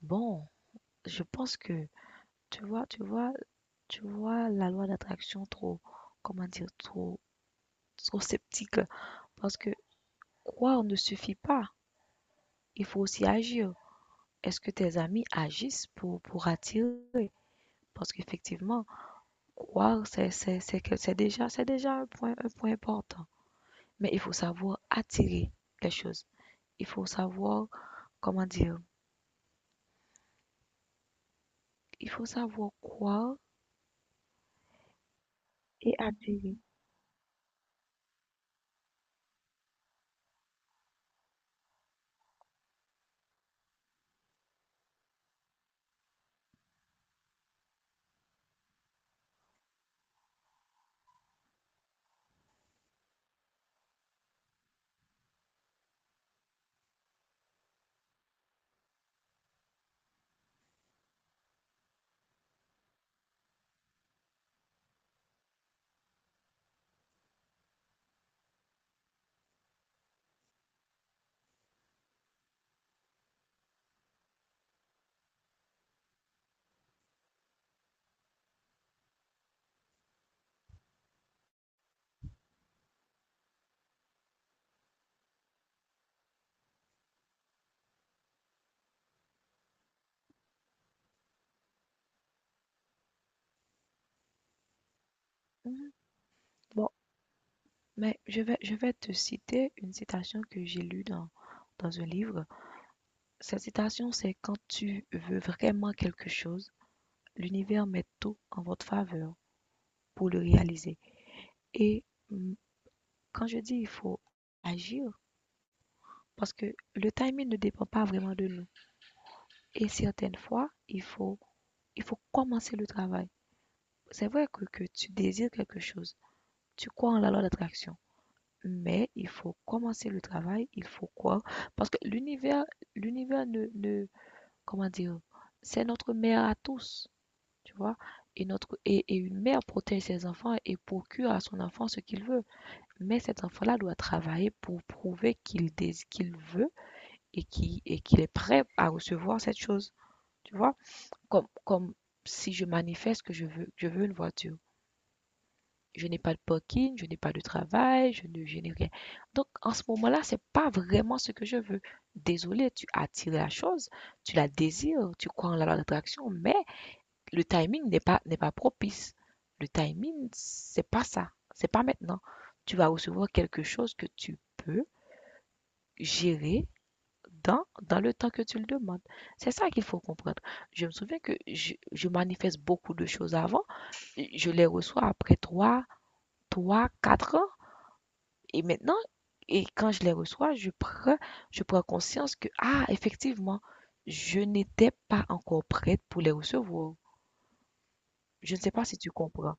Bon, je pense que tu vois, tu vois, tu vois la loi d'attraction trop, comment dire, trop sceptique. Parce que croire ne suffit pas. Il faut aussi agir. Est-ce que tes amis agissent pour attirer? Parce qu'effectivement, croire, c'est déjà un point important. Mais il faut savoir attirer les choses. Il faut savoir, comment dire, il faut savoir croire et attirer. Mhm. Bon, mais je vais te citer une citation que j'ai lue dans un livre. Cette citation, c'est quand tu veux vraiment quelque chose, l'univers met tout en votre faveur pour le réaliser. Et mm, quand je dis il faut agir, parce que le timing ne dépend pas vraiment de nous. Et certaines fois, il faut commencer le travail. C'est vrai que tu désires quelque chose, tu crois en la loi d'attraction. Mais il faut commencer le travail, il faut croire, parce que l'univers ne, comment dire, c'est notre mère à tous, tu vois. Et et une mère protège ses enfants et procure à son enfant ce qu'il veut. Mais cet enfant-là doit travailler pour prouver qu'il veut et qu'il est prêt à recevoir cette chose, tu vois. Comme, comme si je manifeste que je veux une voiture. Je n'ai pas de parking, je n'ai pas de travail, je n'ai rien. Donc, en ce moment-là, c'est pas vraiment ce que je veux. Désolé, tu attires la chose, tu la désires, tu crois en la loi d'attraction, mais le timing n'est pas propice. Le timing, c'est pas ça. C'est pas maintenant. Tu vas recevoir quelque chose que tu peux gérer dans le temps que tu le demandes. C'est ça qu'il faut comprendre. Je me souviens que je manifeste beaucoup de choses avant. Je les reçois après trois, quatre ans. Et maintenant, et quand je les reçois, je prends conscience que, ah, effectivement, je n'étais pas encore prête pour les recevoir. Je ne sais pas si tu comprends.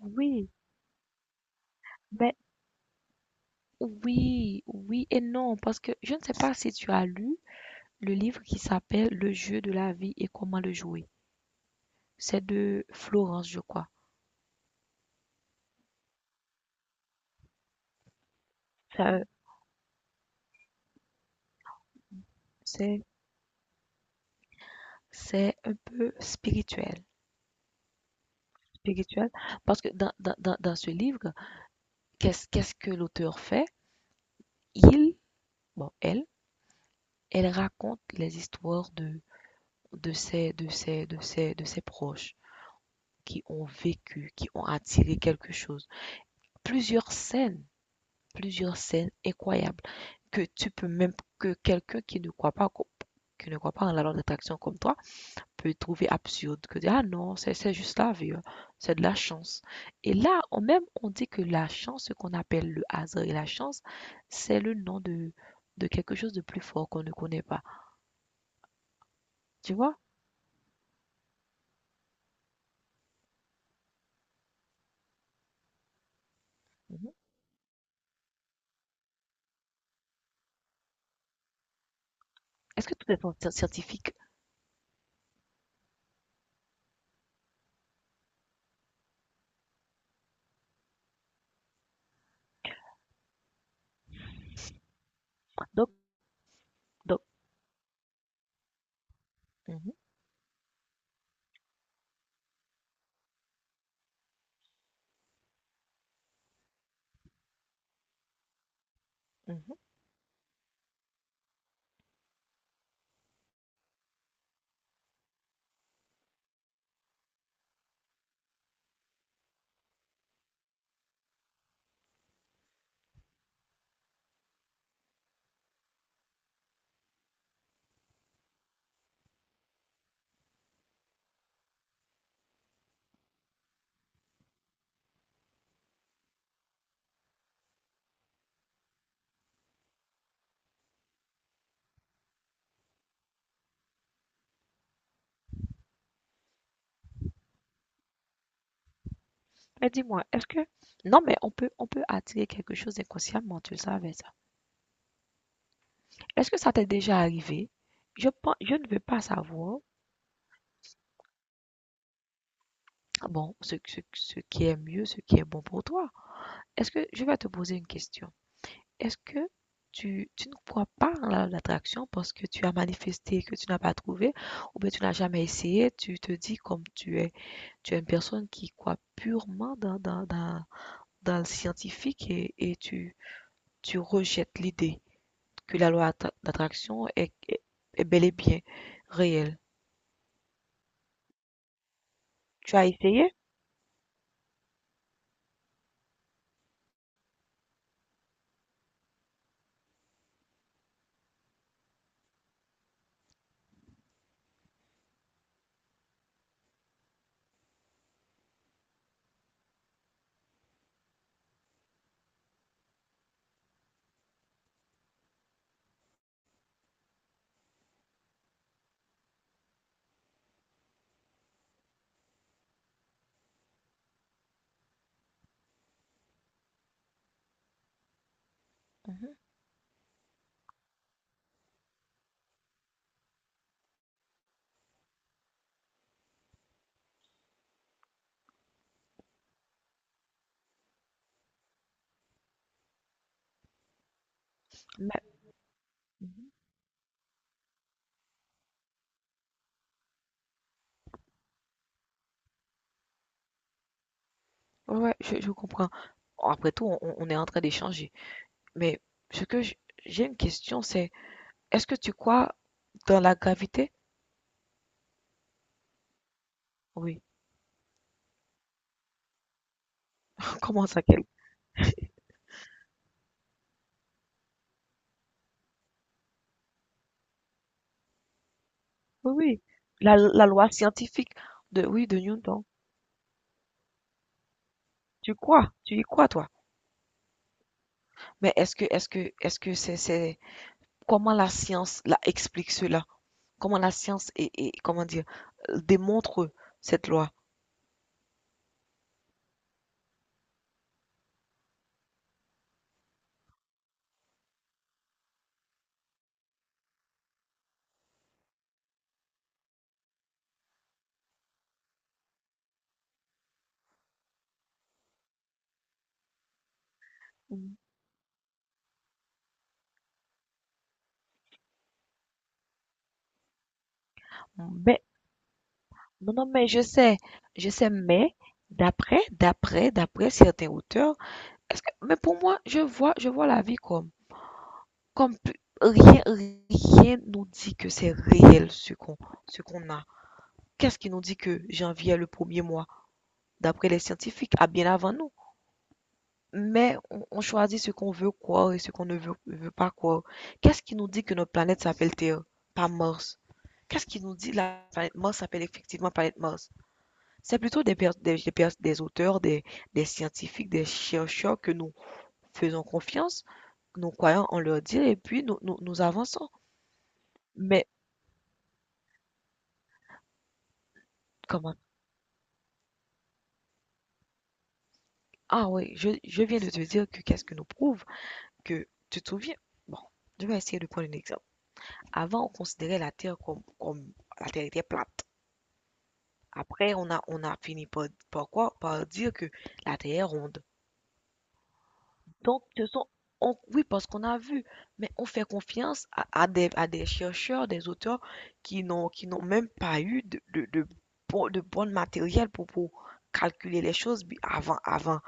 Oui, ben, oui, oui et non, parce que je ne sais pas si tu as lu le livre qui s'appelle Le jeu de la vie et comment le jouer. C'est de Florence, je crois. ça, C'est, c'est un peu spirituel, spirituel, parce que dans ce livre, qu'est-ce que l'auteur fait? Il, elle, elle raconte les histoires de ses de ses de ses de ses proches qui ont vécu, qui ont attiré quelque chose. Plusieurs scènes, plusieurs scènes incroyables que tu peux même que quelqu'un qui ne croit pas qui ne croit pas en la loi d'attraction comme toi peut trouver absurde que dire, ah non c'est juste la vie hein, c'est de la chance et là on même on dit que la chance, ce qu'on appelle le hasard et la chance, c'est le nom de quelque chose de plus fort qu'on ne connaît pas, tu vois. Est-ce que tout est en scientifique? Donc, donc, mhm, mhm. Mais dis-moi, est-ce que... Non, mais on peut attirer quelque chose inconsciemment, tu le savais ça. Est-ce que ça t'est déjà arrivé? Je pense, je ne veux pas savoir, bon, ce qui est mieux, ce qui est bon pour toi. Est-ce que, je vais te poser une question. Est-ce que tu ne crois pas en l'attraction parce que tu as manifesté que tu n'as pas trouvé ou bien tu n'as jamais essayé, tu te dis comme tu es une personne qui croit purement dans le scientifique et, tu rejettes l'idée que d'attraction est bel et bien réelle. Tu as essayé? Mhm. Mais- mhm. Ouais, ouais, je comprends. Bon, après tout, on est en train d'échanger. Mais ce que j- j'ai une question, c'est est-ce que tu crois dans la gravité? Oui. Comment ça, quelle? Oui, oui. La loi scientifique de, oui, de Newton. Tu crois, tu y crois, toi. Mais est-ce que c'est, comment la science la explique cela? Comment la science comment dire, démontre cette loi. Mais, non, non, mais je sais, mais d'après certains auteurs, est-ce que, mais pour moi, je vois la vie comme, comme rien, rien nous dit que c'est réel ce qu'on a. Qu'est-ce qui nous dit que janvier est le premier mois, d'après les scientifiques, à bien avant nous? Mais on choisit ce qu'on veut croire et ce qu'on ne veut pas croire. Qu'est-ce qui nous dit que notre planète s'appelle Terre, pas Mars? Qu'est-ce qui nous dit la planète Mars s'appelle effectivement planète Mars? C'est plutôt des auteurs, des scientifiques, des chercheurs que nous faisons confiance, nous croyons en leur dire et puis nous avançons. Mais comment? Ah oui, je viens de te dire que qu'est-ce que nous prouve que tu te souviens? Bon, je vais essayer de prendre un exemple. Avant, on considérait la Terre comme, comme la Terre était plate. Après, on a fini par, par quoi? Par dire que la Terre est ronde. Donc, ce sont, on- oui, parce qu'on a vu, mais on fait confiance à des chercheurs, des auteurs qui n'ont même pas eu de bon matériel pour calculer les choses avant.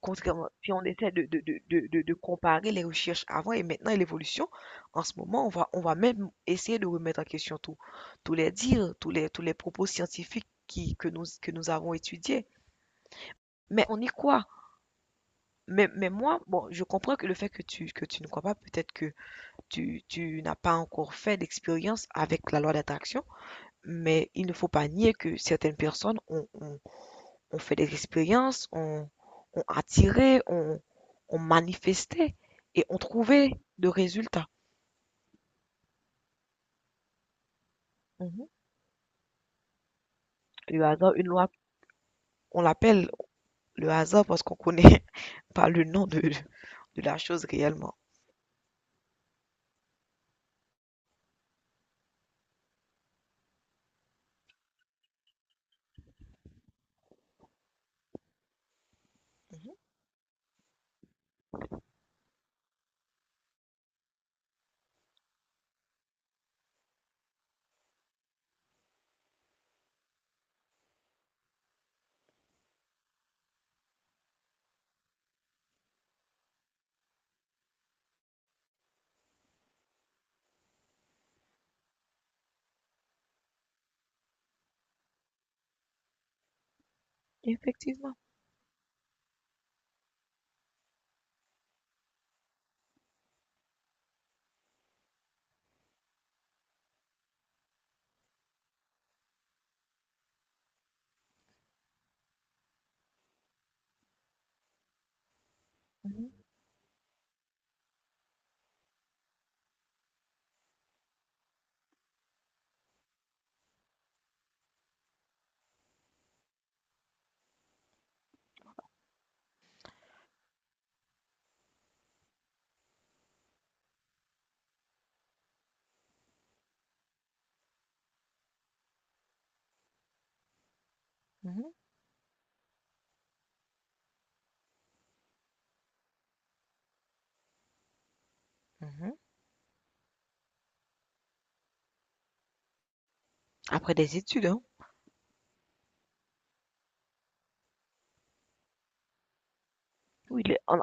Contrairement, puis on essaie de comparer les recherches avant et maintenant et l'évolution. En ce moment, on va même essayer de remettre en question tout, tous les dires, tous les propos scientifiques que nous avons étudiés. Mais on y croit. Mais moi, bon, je comprends que le fait que que tu ne crois pas, peut-être que tu n'as pas encore fait d'expérience avec la loi d'attraction, mais il ne faut pas nier que certaines personnes ont fait des expériences, ont attiré, ont manifesté et ont trouvé de résultats. Mhm. Le hasard, une loi, on l'appelle le hasard parce qu'on connaît pas le nom de la chose réellement. Mhm. Effectivement. Mhm. Mhm. Mhm. Après des études, hein. Oui,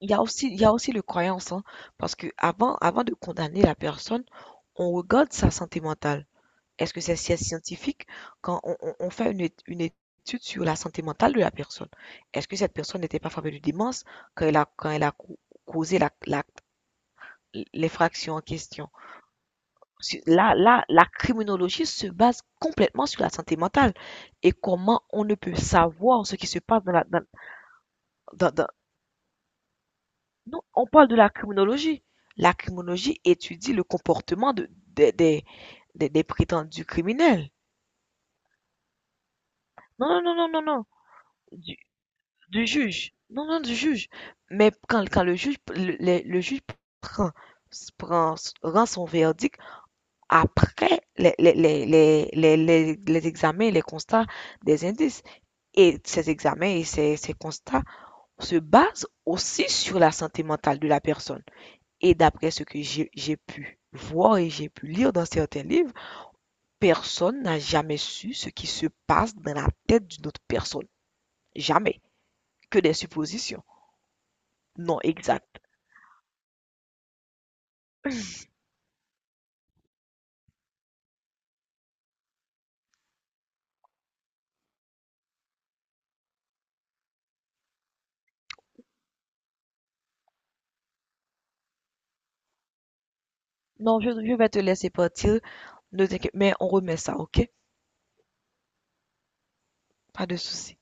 il y a aussi, il y a aussi le croyance, hein, parce que avant, avant de condamner la personne, on regarde sa santé mentale. Est-ce que c'est scientifique quand on, on fait une, une étude sur la santé mentale de la personne? Est-ce que cette personne n'était pas frappée de démence quand elle a causé l'effraction en question? Là, là, la criminologie se base complètement sur la santé mentale et comment on ne peut savoir ce qui se passe la, Non, on parle de la criminologie. La criminologie étudie le comportement de, des des- des prétendus criminels. Non, du, du juge. Non, non, du juge. Mais quand, quand le juge, le juge prend, prend- rend son verdict après les examens, les constats des indices. Et ces examens et ces constats se basent aussi sur la santé mentale de la personne. Et d'après ce que j'ai pu voir et j'ai pu lire dans certains livres, personne n'a jamais su ce qui se passe dans la tête d'une autre personne. Jamais. Que des suppositions. Non, exact. Non, je vais te laisser partir. Ne t'inquiète, mais on remet ça, ok? Pas de souci.